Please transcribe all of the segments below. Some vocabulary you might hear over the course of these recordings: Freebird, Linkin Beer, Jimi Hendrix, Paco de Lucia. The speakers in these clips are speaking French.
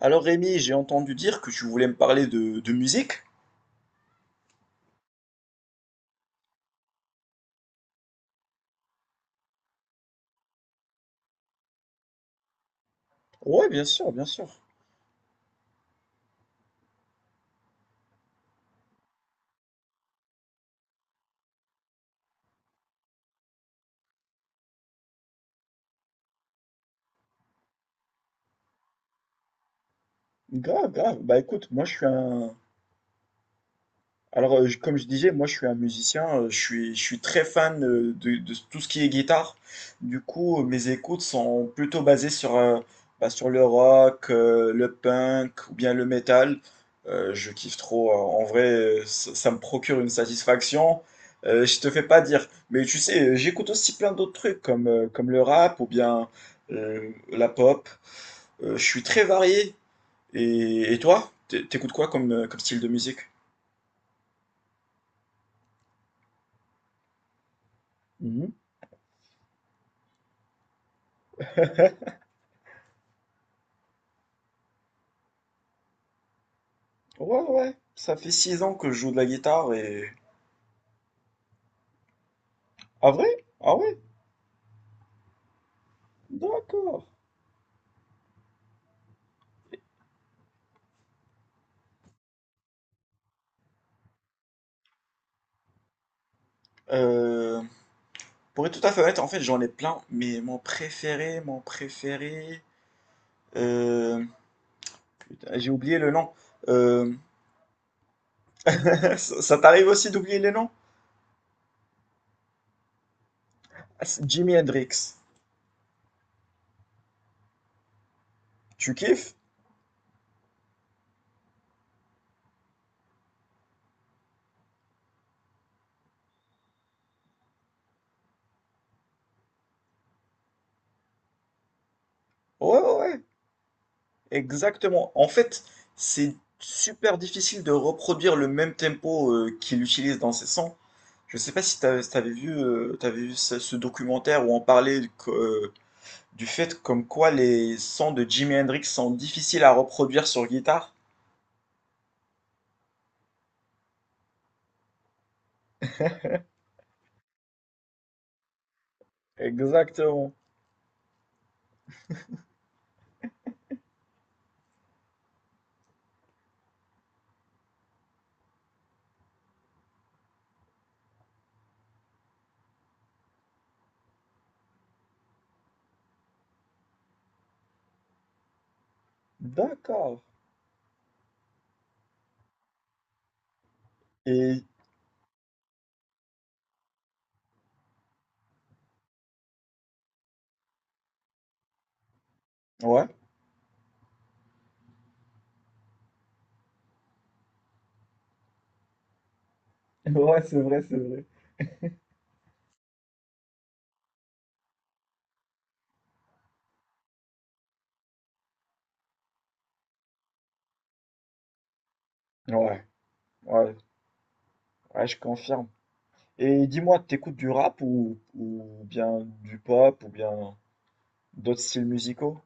Alors Rémi, j'ai entendu dire que tu voulais me parler de musique. Ouais, bien sûr, bien sûr. Grave, grave. Bah écoute, moi je suis un. Comme je disais, moi je suis un musicien, je suis très fan de tout ce qui est guitare. Du coup, mes écoutes sont plutôt basées sur le rock, le punk ou bien le metal. Je kiffe trop. En vrai, ça me procure une satisfaction. Je te fais pas dire. Mais tu sais, j'écoute aussi plein d'autres trucs comme le rap ou bien la pop. Je suis très varié. Et toi, t'écoutes quoi comme style de musique? Ouais, ouais, ça fait 6 ans que je joue de la guitare et... Ah vrai? Ah ouais? D'accord. Euh, pour être tout à fait honnête, en fait j'en ai plein, mais mon préféré... euh, Putain, j'ai oublié le nom. Euh, ça t'arrive aussi d'oublier les noms? Ah, c'est Jimi Hendrix. Tu kiffes? Ouais, ouais, ouais. Exactement. En fait, c'est super difficile de reproduire le même tempo qu'il utilise dans ses sons. Je sais pas si t'avais vu, t'avais vu ce documentaire où on parlait du fait comme quoi les sons de Jimi Hendrix sont difficiles à reproduire sur guitare. Exactement. D'accord. Et ouais. Ouais, c'est vrai, c'est vrai. Ouais, ouais, ouais, je confirme. Et dis-moi, t'écoutes du rap ou bien du pop ou bien d'autres styles musicaux?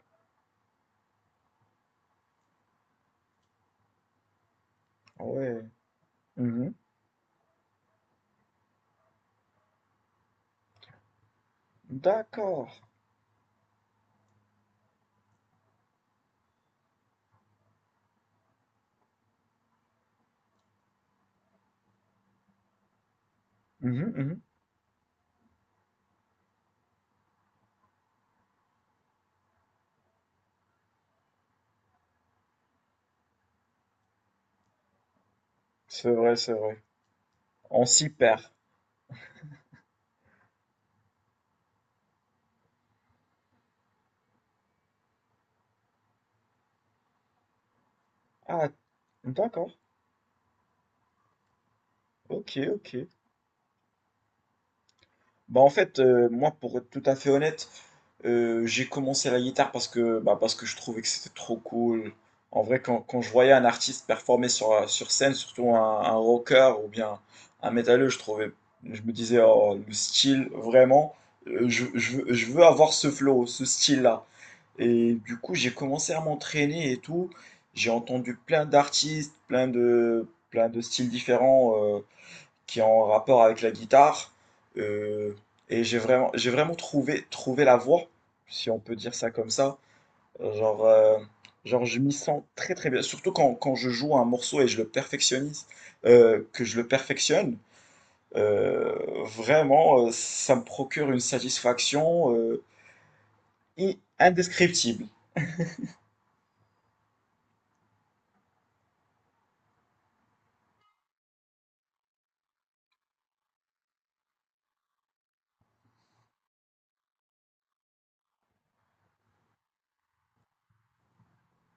Ouais. Mhm. D'accord. Mhm, mhm. C'est vrai, c'est vrai. On s'y perd. Ah, d'accord. Ok, ok. Bah en fait, moi pour être tout à fait honnête, j'ai commencé la guitare parce que, bah, parce que je trouvais que c'était trop cool. En vrai, quand je voyais un artiste performer sur scène, surtout un rocker ou bien un métalleux, je trouvais, je me disais, oh, le style, vraiment, je veux, je veux avoir ce flow, ce style-là. Et du coup, j'ai commencé à m'entraîner et tout. J'ai entendu plein d'artistes, plein de styles différents, qui est en rapport avec la guitare. euh, et j'ai vraiment trouvé la voie, si on peut dire ça comme ça. Genre, genre je m'y sens très très bien. Surtout quand je joue un morceau et je le perfectionnise, que je le perfectionne, euh, ça me procure une satisfaction indescriptible.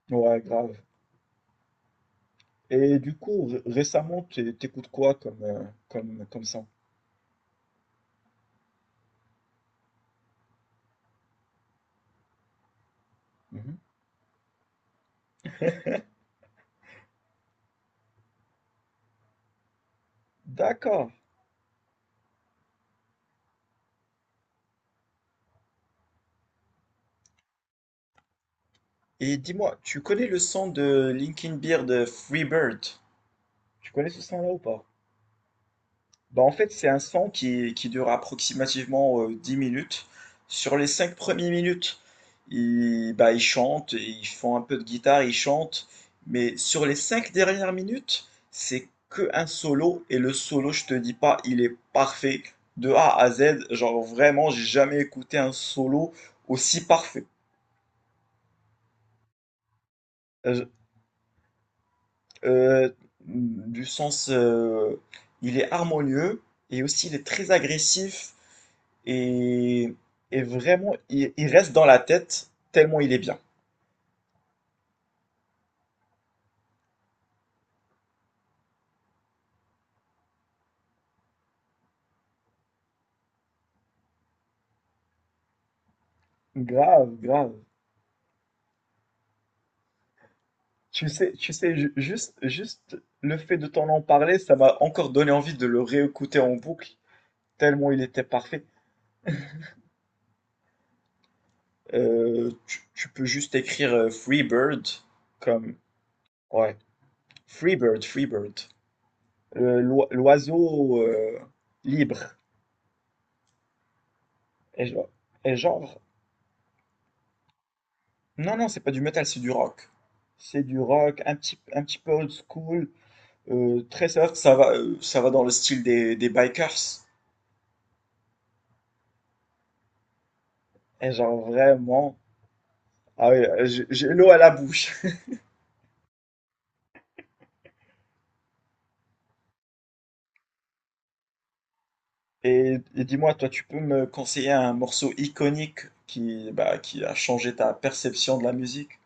Ouais, grave. Et du coup, récemment, t'écoutes quoi comme, comme son? Mhm. D'accord. Et dis-moi, tu connais le son de Linkin Beer de Freebird? Tu connais ce son-là ou pas? Bah en fait, c'est un son qui dure approximativement 10 minutes. Sur les 5 premières minutes, ils, bah, ils chantent, ils font un peu de guitare, ils chantent. Mais sur les 5 dernières minutes, c'est que un solo. Et le solo, je te dis pas, il est parfait. De A à Z, genre vraiment, j'ai jamais écouté un solo aussi parfait. Euh, euh, du sens, euh, il est harmonieux et aussi il est très agressif et, et vraiment, il reste dans la tête tellement il est bien. Grave, grave. Tu sais, juste le fait de t'en en parler, ça m'a encore donné envie de le réécouter en boucle, tellement il était parfait. Tu, tu peux juste écrire Free Bird comme... Ouais. Freebird, Freebird. L'oiseau libre. Et, je- et genre, non, non, c'est pas du metal, c'est du rock. C'est du rock, un petit peu old school, très soft, ça va dans le style des bikers. Et genre, vraiment, ah ouais, j'ai l'eau à la bouche. Et dis-moi, toi, tu peux me conseiller un morceau iconique qui, bah, qui a changé ta perception de la musique?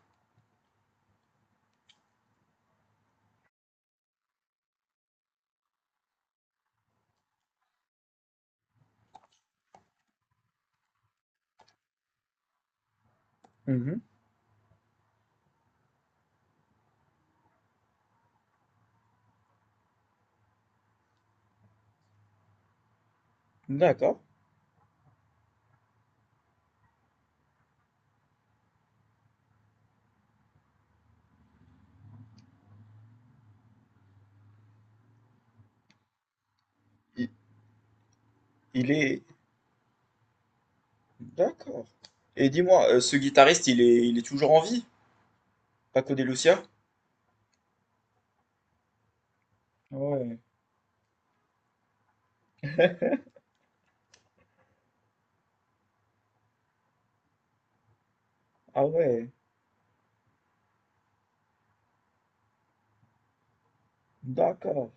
Mhm. D'accord. Il, il est. D'accord. Et dis-moi, ce guitariste, il est toujours en vie? Paco de Lucia? Ouais. Ah ouais. D'accord.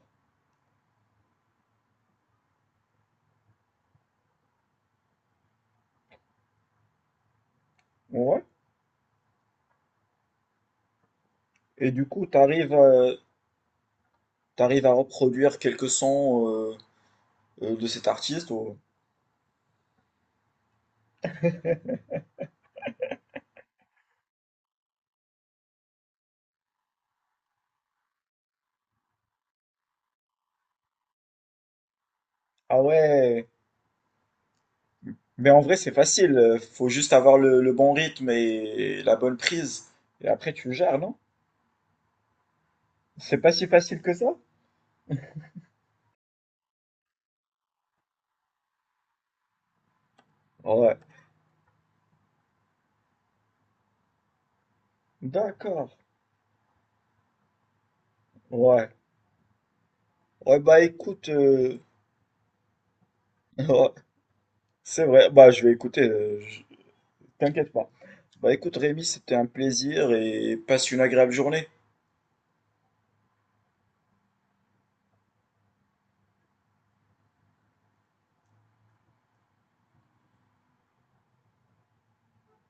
Ouais. Et du coup, t'arrives, t'arrives à reproduire quelques sons de cet artiste ou- Ah ouais. Mais en vrai, c'est facile. Faut juste avoir le bon rythme et la bonne prise. Et après, tu gères, non? C'est pas si facile que ça? Ouais. D'accord. Ouais. Ouais, bah écoute. Ouais, c'est vrai. Bah, je vais écouter. T'inquiète pas. Bah écoute Rémi, c'était un plaisir et passe une agréable journée.